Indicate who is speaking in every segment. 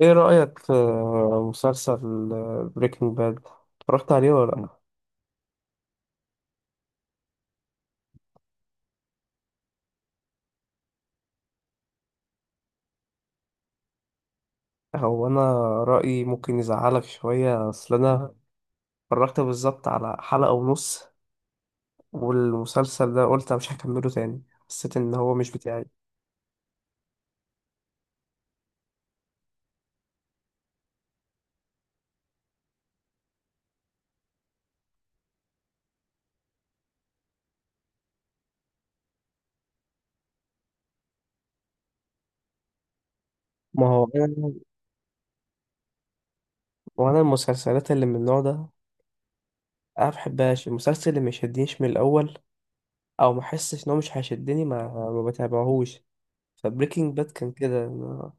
Speaker 1: ايه رأيك في مسلسل بريكنج باد؟ اتفرجت عليه ولا لا. هو انا رأيي ممكن يزعلك شوية، اصل انا اتفرجت بالظبط على حلقة ونص والمسلسل ده قلت أنا مش هكمله تاني. حسيت ان هو مش بتاعي. ما هو انا، وانا المسلسلات اللي من النوع ده انا ما بحبهاش. المسلسل اللي ما يشدنيش من الاول او ما احسش ان هو مش هيشدني ما بتابعهوش. فبريكنج باد كان كده أنا-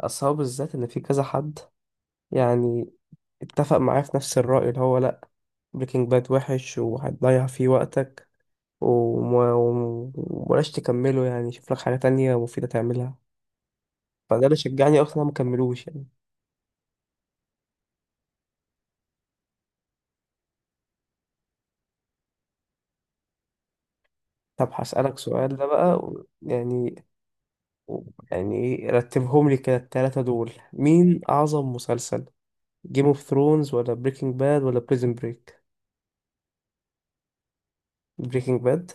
Speaker 1: اصحابي بالذات ان في كذا حد يعني اتفق معاه في نفس الرأي اللي هو لأ، بريكنج باد وحش وهتضيع فيه وقتك، وما- ومبلاش تكمله، يعني شوف لك حاجة تانية مفيدة تعملها. فده اللي شجعني أصلا أنا مكملوش يعني. طب هسألك سؤال ده بقى و- يعني و- يعني إيه، رتبهم لي كده التلاتة دول، مين أعظم مسلسل، جيم اوف ثرونز ولا بريكنج باد ولا بريزن بريك؟ بريكنج باد؟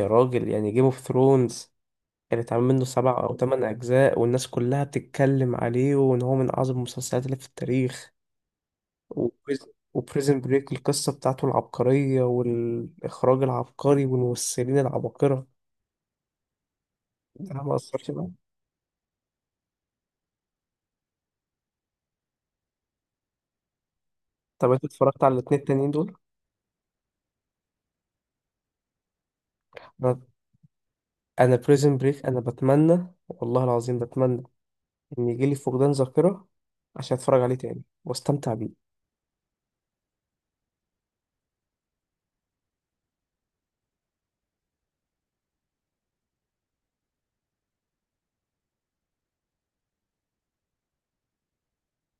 Speaker 1: يا راجل، يعني جيم اوف ثرونز كان اتعمل منه سبع أو تمن أجزاء والناس كلها بتتكلم عليه وإن هو من أعظم المسلسلات اللي في التاريخ. وبريزن بريك، القصة بتاعته العبقرية والإخراج العبقري والممثلين العباقرة، ده ما أثرش بقى؟ طب أنت اتفرجت على الاتنين التانيين دول؟ أنا أنا بريزن بريك، أنا بتمنى والله العظيم بتمنى إن يجيلي فقدان ذاكرة عشان أتفرج عليه تاني وأستمتع بيه.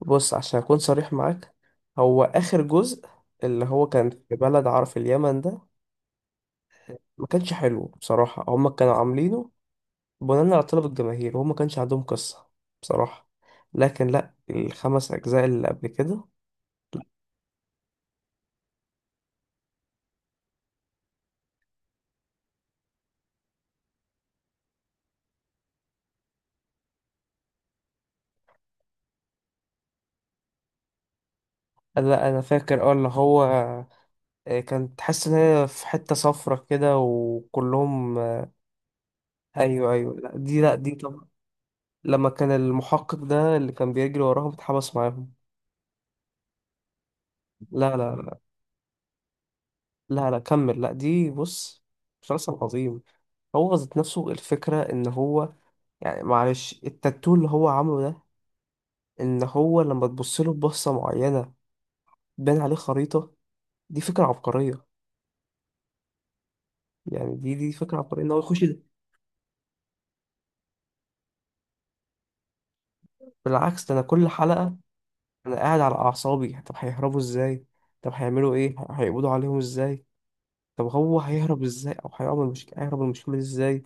Speaker 1: بص عشان أكون صريح معاك، هو آخر جزء اللي هو كان في بلد، عارف اليمن ده، ما كانش حلو بصراحة. هما كانوا عاملينه بناء على طلب الجماهير وهما كانش عندهم قصة بصراحة. لكن لا، الخمس أجزاء اللي قبل كده. لا أنا فاكر، اه اللي هو كان تحس إن هي في حتة صفرة كده وكلهم أيوه أيوه، لا دي لا دي طبعا. لما كان المحقق ده اللي كان بيجري وراهم اتحبس معاهم. لا لا لا لا، لا كمل. لا دي بص، مسلسل عظيم. هو ذات نفسه الفكرة إن هو، يعني معلش، التاتو اللي هو عامله ده، ان هو لما تبص له ببصه معينه بان عليه خريطه، دي فكره عبقريه. يعني دي فكره عبقريه ان هو يخش ده. بالعكس، ده انا كل حلقه انا قاعد على اعصابي. طب هيهربوا ازاي؟ طب هيعملوا ايه؟ ه- هيقبضوا عليهم ازاي؟ طب هو هيهرب ازاي، او هيعمل مشكله هيهرب من المشكله دي ازاي؟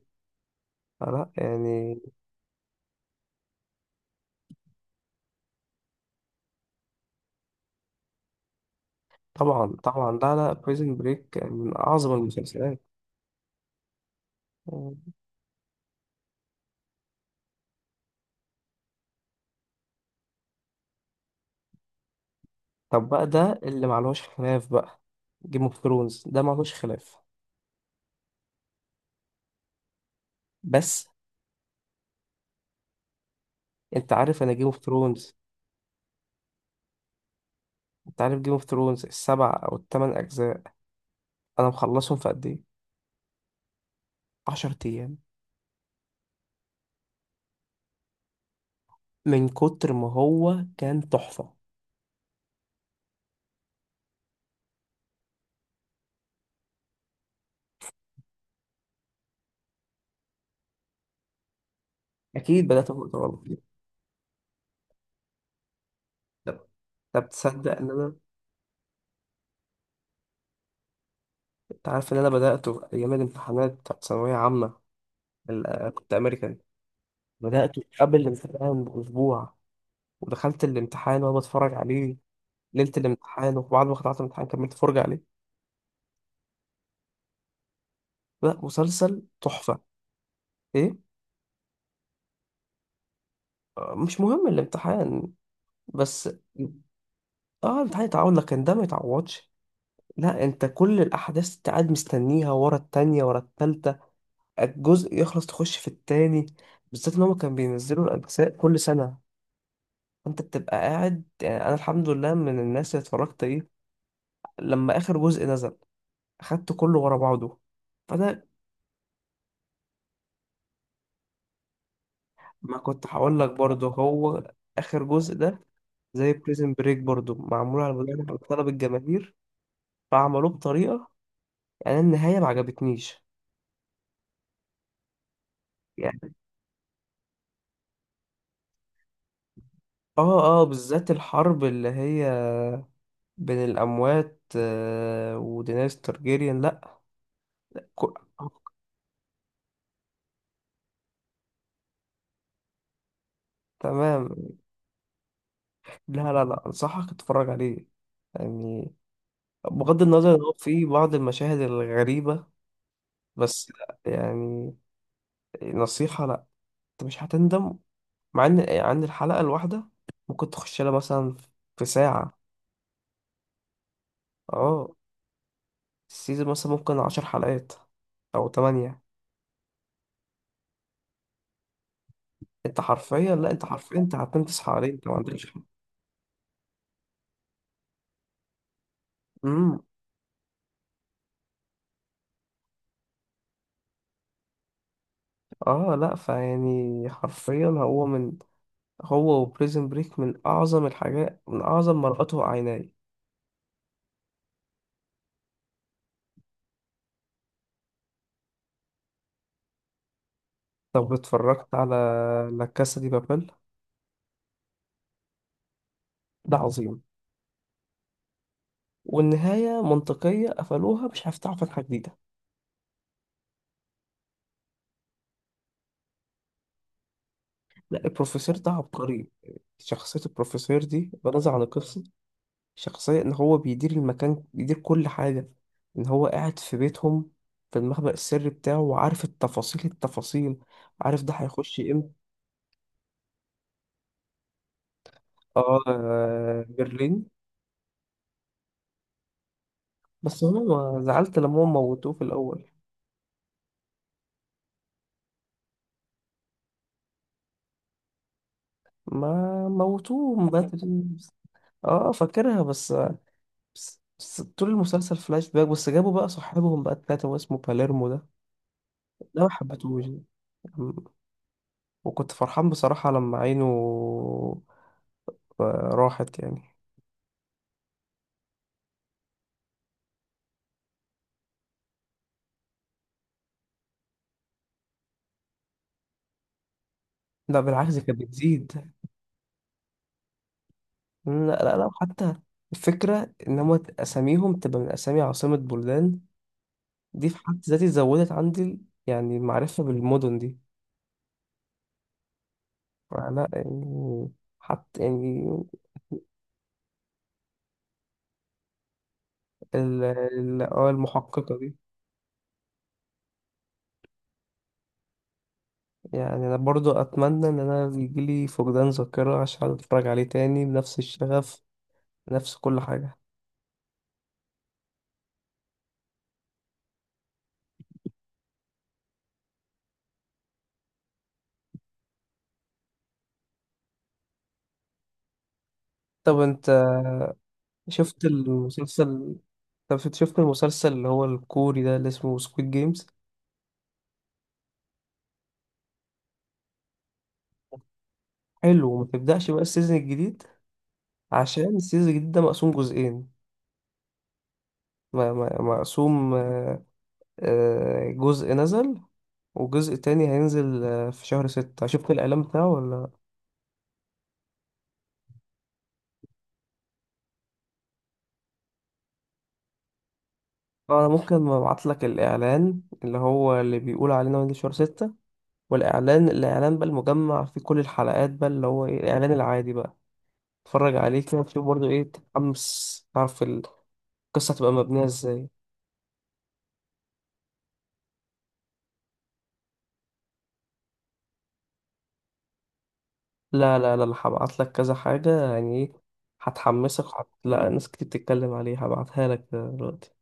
Speaker 1: فلا يعني. طبعا طبعا، لا لا، بريزن بريك من اعظم المسلسلات. طب بقى ده اللي معلهوش خلاف بقى، جيم اوف ثرونز ده معلهوش خلاف. بس انت عارف انا جيم اوف ثرونز، انت عارف جيم اوف ثرونز السبع او الثمان اجزاء انا مخلصهم في قد ايه؟ 10 ايام. من كتر ما هو كان تحفة. اكيد بدأت في وقت غلط. طب طب تصدق ان انا، انت عارف ان انا بدأته ايام الامتحانات بتاعت ثانوية عامة، ال- كنت امريكان، بدأته قبل الامتحان باسبوع ودخلت الامتحان وانا بتفرج عليه ليلة الامتحان، وبعد ما خلصت الامتحان كملت فرجة عليه. لا مسلسل تحفة. ايه، مش مهم الامتحان. بس اه الامتحان يتعوض لكن ده ما يتعوضش. لا انت كل الاحداث انت قاعد مستنيها، ورا التانية ورا التالتة، الجزء يخلص تخش في التاني. بالذات ان هما كانوا بينزلوا الاجزاء كل سنة، فانت بتبقى قاعد. يعني انا الحمد لله من الناس اللي اتفرجت ايه، لما اخر جزء نزل اخدته كله ورا بعضه. فانا ما كنت هقول لك برضه، هو اخر جزء ده زي بريزن بريك برضه معمول على مدار- على طلب الجماهير، فعملوه بطريقة يعني النهاية ما عجبتنيش. يعني اه اه، بالذات الحرب اللي هي بين الأموات ودينيس تارجيريان لأ. كو- تمام. لا لا لا، أنصحك تتفرج عليه يعني. بغض النظر إن هو فيه بعض المشاهد الغريبة، بس لأ يعني، نصيحة لأ، أنت مش هتندم. مع إن عن الحلقة الواحدة ممكن تخش لها مثلا في ساعة. اه السيزون مثلا ممكن عشر حلقات أو تمانية. أنت حرفيا لأ، أنت حرفيا أنت هتنام تصحى عليه، أنت ما عندكش امم اه. لا فيعني حرفيا هو من، هو وبريزن بريك من أعظم الحاجات، من أعظم ما رأته عيناي. طب اتفرجت على لا كاسا دي بابل؟ ده عظيم، والنهاية منطقية قفلوها، مش هيفتحوا فتحة جديدة. لا البروفيسور ده عبقري. شخصية البروفيسور دي بنظر عن القصة، شخصية إن هو بيدير المكان بيدير كل حاجة، إن هو قاعد في بيتهم في المخبأ السري بتاعه وعارف التفاصيل التفاصيل، عارف ده هيخش امتى. اه برلين، بس هو زعلت لما هم موتوه في الأول، ما موتوه من بدري. اه فاكرها، بس طول المسلسل فلاش باك، بس جابوا بقى صاحبهم بقى التلاتة واسمه باليرمو ده، ده ما حبيتهوش. م- وكنت فرحان بصراحة لما عينه راحت يعني. لا بالعكس دي كانت بتزيد. لا لا لا، وحتى الفكرة إن هما أساميهم تبقى من أسامي عاصمة بلدان، دي في حد ذاتي زودت عندي يعني المعرفة بالمدن دي. فلا يعني، حتى يعني ال- ال- اه المحققة دي. يعني أنا برضو أتمنى إن أنا يجيلي فقدان ذاكرة عشان أتفرج عليه تاني بنفس الشغف، بنفس كل حاجة. طب أنت شفت المسلسل، طب شفت شفت المسلسل اللي هو الكوري ده اللي اسمه سكويد جيمز؟ حلو، وما تبدأش بقى السيزون الجديد، عشان السيزون الجديد ده مقسوم جزئين. م- م- مقسوم جزء نزل وجزء تاني هينزل في شهر ستة، شفت الإعلان بتاعه ولا؟ انا ممكن ابعت لك الاعلان اللي هو اللي بيقول علينا من شهر ستة، والاعلان الاعلان بقى المجمع فيه كل الحلقات بقى اللي هو ايه، الاعلان العادي بقى، اتفرج عليه كده تشوف برضه ايه، تتحمس، تعرف القصة هتبقى مبنية ازاي. لا لا لا لا، هبعت لك كذا حاجة يعني ايه، هتحمسك وهت... لا ناس كتير بتتكلم عليه، هبعتها لك دلوقتي.